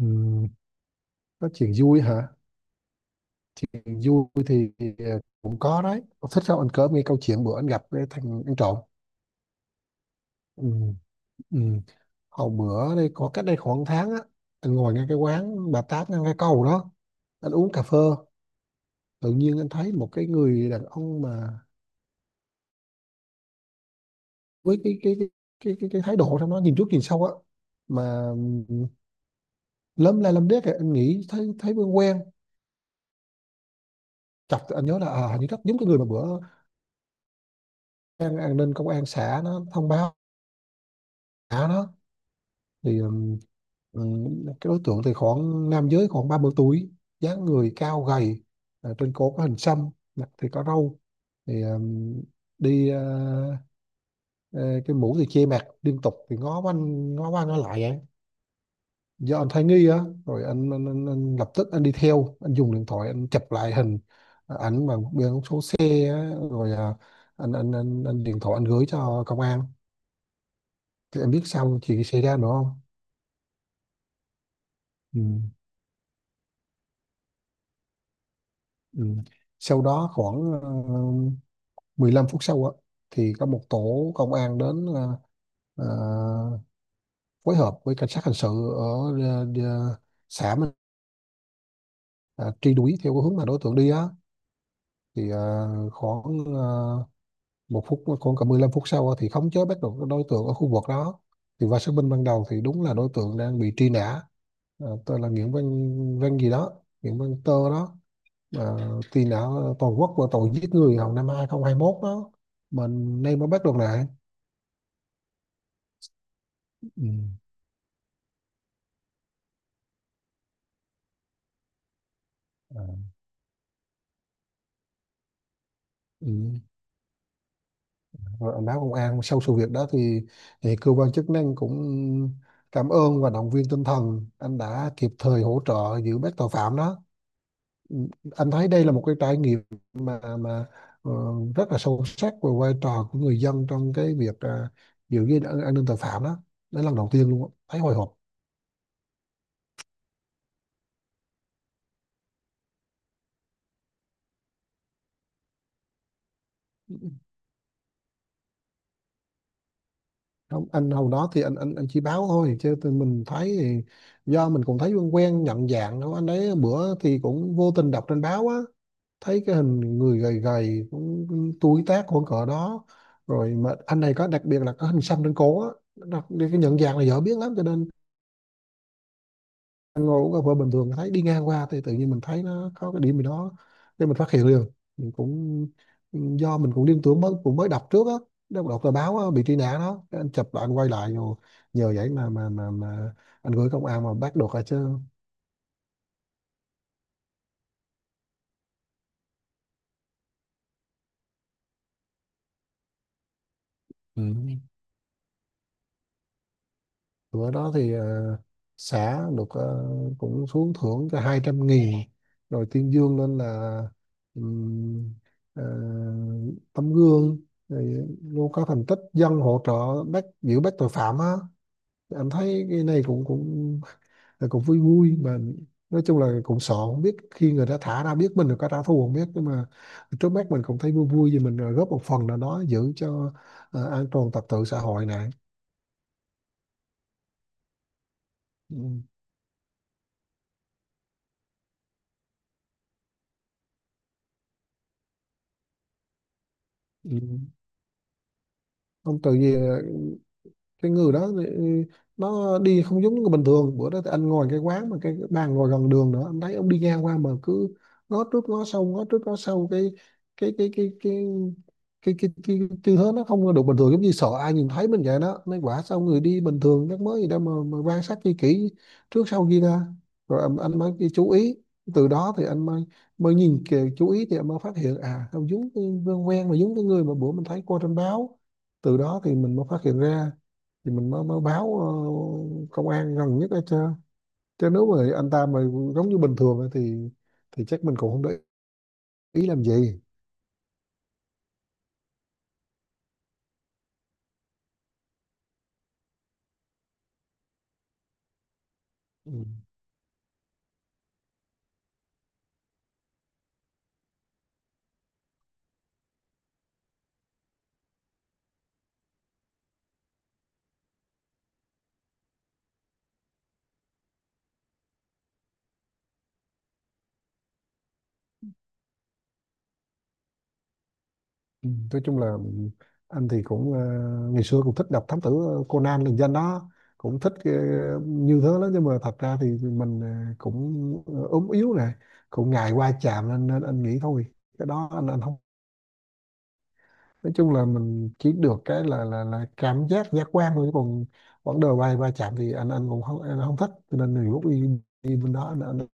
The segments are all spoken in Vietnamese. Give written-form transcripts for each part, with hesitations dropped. Ừ, nói chuyện vui hả? Chuyện vui thì cũng có đấy. Ông thích không? Anh cỡ nghe câu chuyện bữa anh gặp cái thằng ăn trộm. Ừ, ừ. Hồi bữa đây có cách đây khoảng tháng á, anh ngồi ngay cái quán bà Tám ngay cái cầu đó, anh uống cà phê, tự nhiên anh thấy một cái người đàn ông mà với cái thái độ trong nó nhìn trước nhìn sau á, mà lấm la lấm đét kìa. Anh nghĩ thấy thấy quen quen. Chọc anh nhớ là à, hình như rất giống cái người mà bữa an ninh công an xã nó thông báo xã nó thì cái đối tượng thì khoảng nam giới khoảng 30 tuổi, dáng người cao gầy, à, trên cổ có hình xăm, mặt thì có râu, thì đi ờ, cái mũ thì che mặt liên tục thì ngó quanh ngó qua ngó lại vậy do anh thấy nghi á, rồi anh lập tức anh đi theo, anh dùng điện thoại anh chụp lại hình, ảnh bằng biển số xe á, rồi anh điện thoại anh gửi cho công an. Thì em biết sao chuyện xảy ra nữa không? Ừ. Ừ. Sau đó khoảng 15 phút sau á, thì có một tổ công an đến, ờ, phối hợp với cảnh sát hình sự ở ờ, ờ, xã mình, ờ, truy đuổi theo cái hướng mà đối tượng đi á, thì khoảng một phút khoảng cả 15 phút sau á, thì khống chế bắt được cái đối tượng ở khu vực đó. Thì qua xác minh ban đầu thì đúng là đối tượng đang bị truy nã. Ờ, tên là Nguyễn Văn Văn gì đó, Nguyễn Văn Tơ đó. Ờ, thì đã toàn quốc và tội giết người hồi năm 2021 đó, mình nay mới bắt được lại. Ừ. Ờ, ừ. Rồi anh báo công an sau sự việc đó thì cơ quan chức năng cũng cảm ơn và động viên tinh thần anh đã kịp thời hỗ trợ giữ bắt tội phạm đó. Ừ. Anh thấy đây là một cái trải nghiệm mà ờ, rất là sâu sắc về vai trò của người dân trong cái việc à, giữ gìn an ninh tội phạm đó. Đó là lần đầu tiên luôn á, thấy hồi hộp. Ừ. Không, anh hồi đó thì anh chỉ báo thôi chứ tụi mình thấy thì do mình cũng thấy quen quen, nhận dạng đâu anh đấy bữa thì cũng vô tình đọc trên báo á, thấy cái hình người gầy gầy cũng tuổi tác khoảng cỡ đó, rồi mà anh này có đặc biệt là có hình xăm trên cổ á, đặc biệt cái nhận dạng là dễ biết lắm, cho nên ăn ngồi uống cà phê bình thường thấy đi ngang qua thì tự nhiên mình thấy nó có cái điểm gì đó nên mình phát hiện liền. Mình cũng do mình cũng liên tưởng mới cũng mới đọc trước á, đọc tờ báo á, bị truy nã đó. Cái anh chụp lại anh quay lại rồi nhờ vậy mà anh gửi công an mà bắt được rồi chứ. Ừ. Bữa đó thì xã được cũng xuống thưởng cho 200.000, rồi tuyên dương lên là ừm, ờ, tấm gương, rồi luôn có thành tích dân hỗ trợ bắt giữ bắt tội phạm á. Em thấy cái này cũng cũng cũng vui vui mà. Nói chung là cũng sợ không biết khi người ta thả ra biết mình là có trả thù không biết, nhưng mà trước mắt mình cũng thấy vui vui vì mình ờ, góp một phần nào đó giữ cho ờ, an toàn trật tự xã hội này. Ừ. Ừ. Ông tự gì cái người đó thì nó đi không giống người bình thường. Bữa đó thì anh ngồi cái quán mà cái bàn ngồi gần đường nữa, anh thấy ông đi ngang qua mà cứ ngó trước ngó sau ngó trước ngó sau, cái cái cái cái cái tư thế nó không được bình thường, giống như sợ ai nhìn thấy mình vậy đó, nên quả sao người đi bình thường chắc mới gì đâu mà quan sát chi kỹ trước sau kia ra. Rồi anh mới đi chú ý, từ đó thì anh mới mới nhìn kìa, chú ý thì anh mới phát hiện à không giống, cái quen quen mà giống cái người mà bữa mình thấy qua trên báo. Từ đó thì mình mới phát hiện ra, thì mình mới mới báo ờ, công an gần nhất hết chứ. Chứ nếu mà anh ta mà giống như bình thường á thì chắc mình cũng không để ý làm gì. Ừ. Ừ. Nói chung là anh thì cũng ờ, ngày xưa cũng thích đọc thám tử ờ, Conan lừng danh đó, cũng thích ờ, như thế đó, nhưng mà thật ra thì mình ờ, cũng ờ, ốm yếu này, cũng ngại va chạm nên anh nghĩ thôi, cái đó anh không. Nói chung là mình chỉ được cái là cảm giác giác quan thôi, chứ còn vấn đề bay va chạm thì anh cũng không, anh không thích, cho nên nhiều lúc đi đi bên đó anh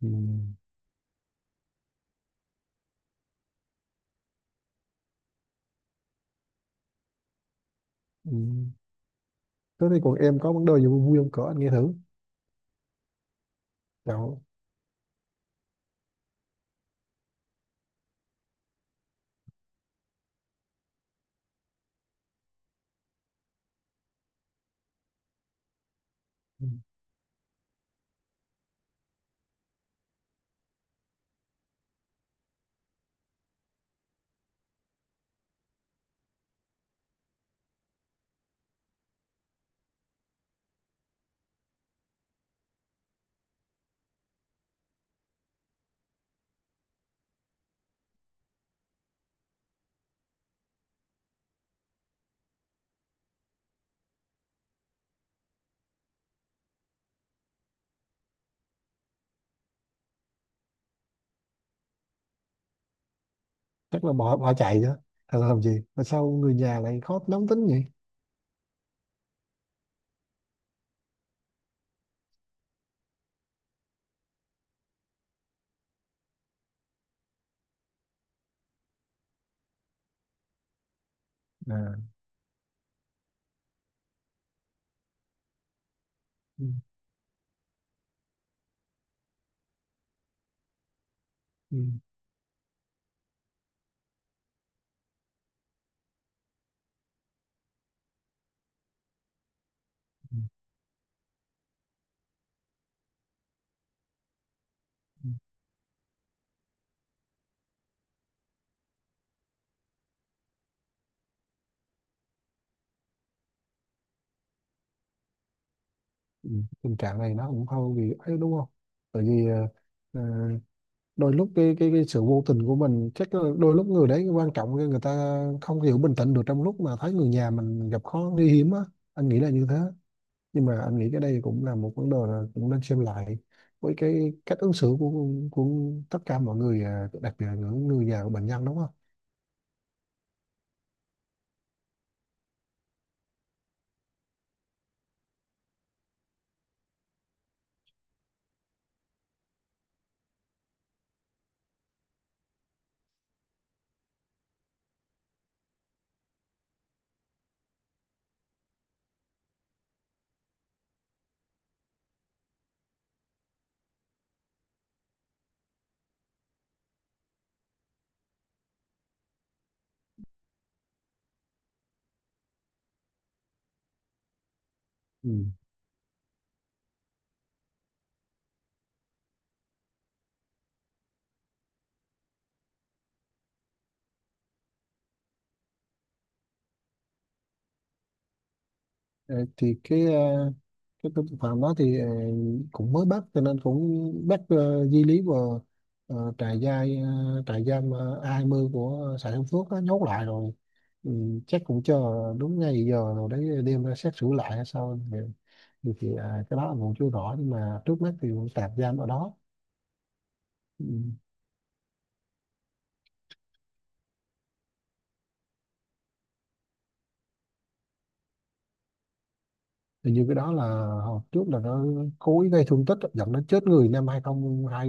ừ, ừ. Thế thì còn em có vấn đề gì vui vui không cỡ anh nghe thử? Chào. Ừ, chắc là bỏ bỏ chạy chứ. Thật là làm gì mà sao người nhà lại khó nóng tính vậy? À. ừ, ừ, ừ, ừ. Ừ. Tình trạng này nó cũng không vì ấy đúng không, tại vì ờ, đôi lúc cái sự vô tình của mình chắc là đôi lúc người đấy quan trọng người ta không hiểu bình tĩnh được trong lúc mà thấy người nhà mình gặp khó nguy hiểm á. Anh nghĩ là như thế, nhưng mà anh nghĩ cái đây cũng là một vấn đề là cũng nên xem lại với cái cách ứng xử của tất cả mọi người, à, đặc biệt là những người nhà của bệnh nhân đúng không? Ừ. Ờ, thì cái à, cái tội phạm đó thì ờ, cũng mới bắt cho nên cũng bắt ờ, di lý vào ờ, trại giam ờ, trại giam ờ, A20 của xã Đông Phước á, nhốt lại rồi. Ừ, chắc cũng cho đúng ngay giờ rồi đấy đem ra xét xử lại hay sao thì à, cái đó là cũng chưa rõ, nhưng mà trước mắt thì cũng tạm giam ở đó. Ừ. Hình như cái đó là hồi trước là nó cố ý gây thương tích dẫn đến chết người năm 202,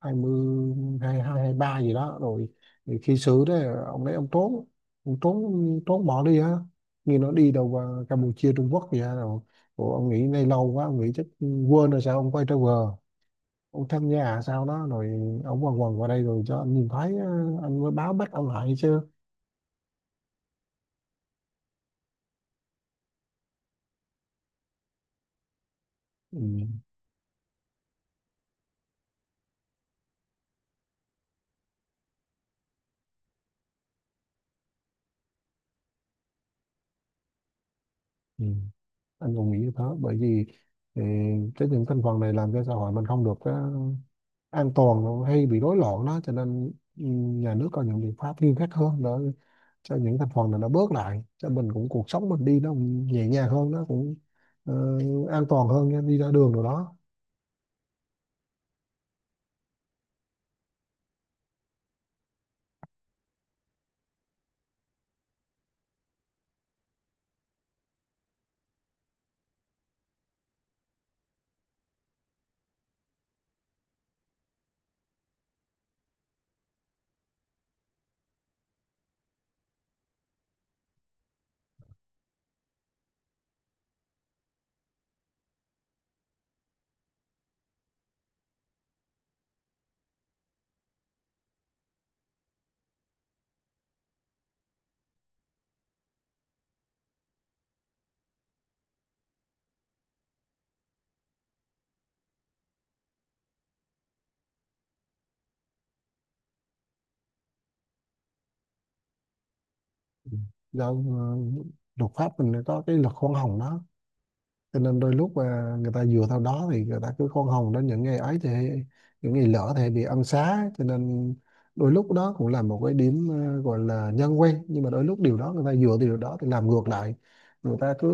2220, 2223 gì đó rồi, thì khi xử đấy ông trốn, ông trốn trốn bỏ đi á, như nó đi đâu vào Campuchia Trung Quốc gì á rồi. Ủa, ông nghĩ này lâu quá ông nghĩ chắc quên rồi sao ông quay trở về, ông tham gia à sao đó rồi ông quần quần qua đây rồi cho anh nhìn thấy á, anh mới báo bắt ông lại chứ. Ừ. Ừ. Anh còn nghĩ như thế, bởi vì ừ, cái những thành phần này làm cho xã hội mình không được á, an toàn hay bị rối loạn đó, cho nên ừ, nhà nước có những biện pháp nghiêm khắc hơn để cho những thành phần này nó bớt lại, cho mình cũng cuộc sống mình đi nó cũng nhẹ nhàng hơn, nó cũng ờ, an toàn hơn nha, đi ra đường rồi đó. Ừ. Do ờ, luật pháp mình có cái luật khoan hồng đó, cho nên đôi lúc mà người ta dựa theo đó thì người ta cứ khoan hồng đến những ngày ấy thì những ngày lỡ thì bị ân xá, cho nên đôi lúc đó cũng là một cái điểm ờ, gọi là nhân quen, nhưng mà đôi lúc điều đó người ta dựa từ điều đó thì làm ngược lại, người ta cứ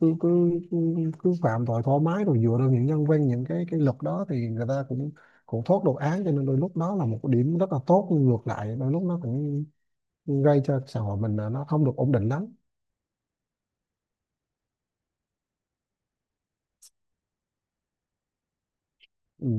cứ cứ cứ, cứ phạm tội thoải mái rồi dựa vào những nhân quen, những cái luật đó thì người ta cũng cũng thoát được án, cho nên đôi lúc đó là một cái điểm rất là tốt, nhưng ngược lại đôi lúc nó cũng gây cho xã hội mình là nó không được ổn định lắm. Ừ.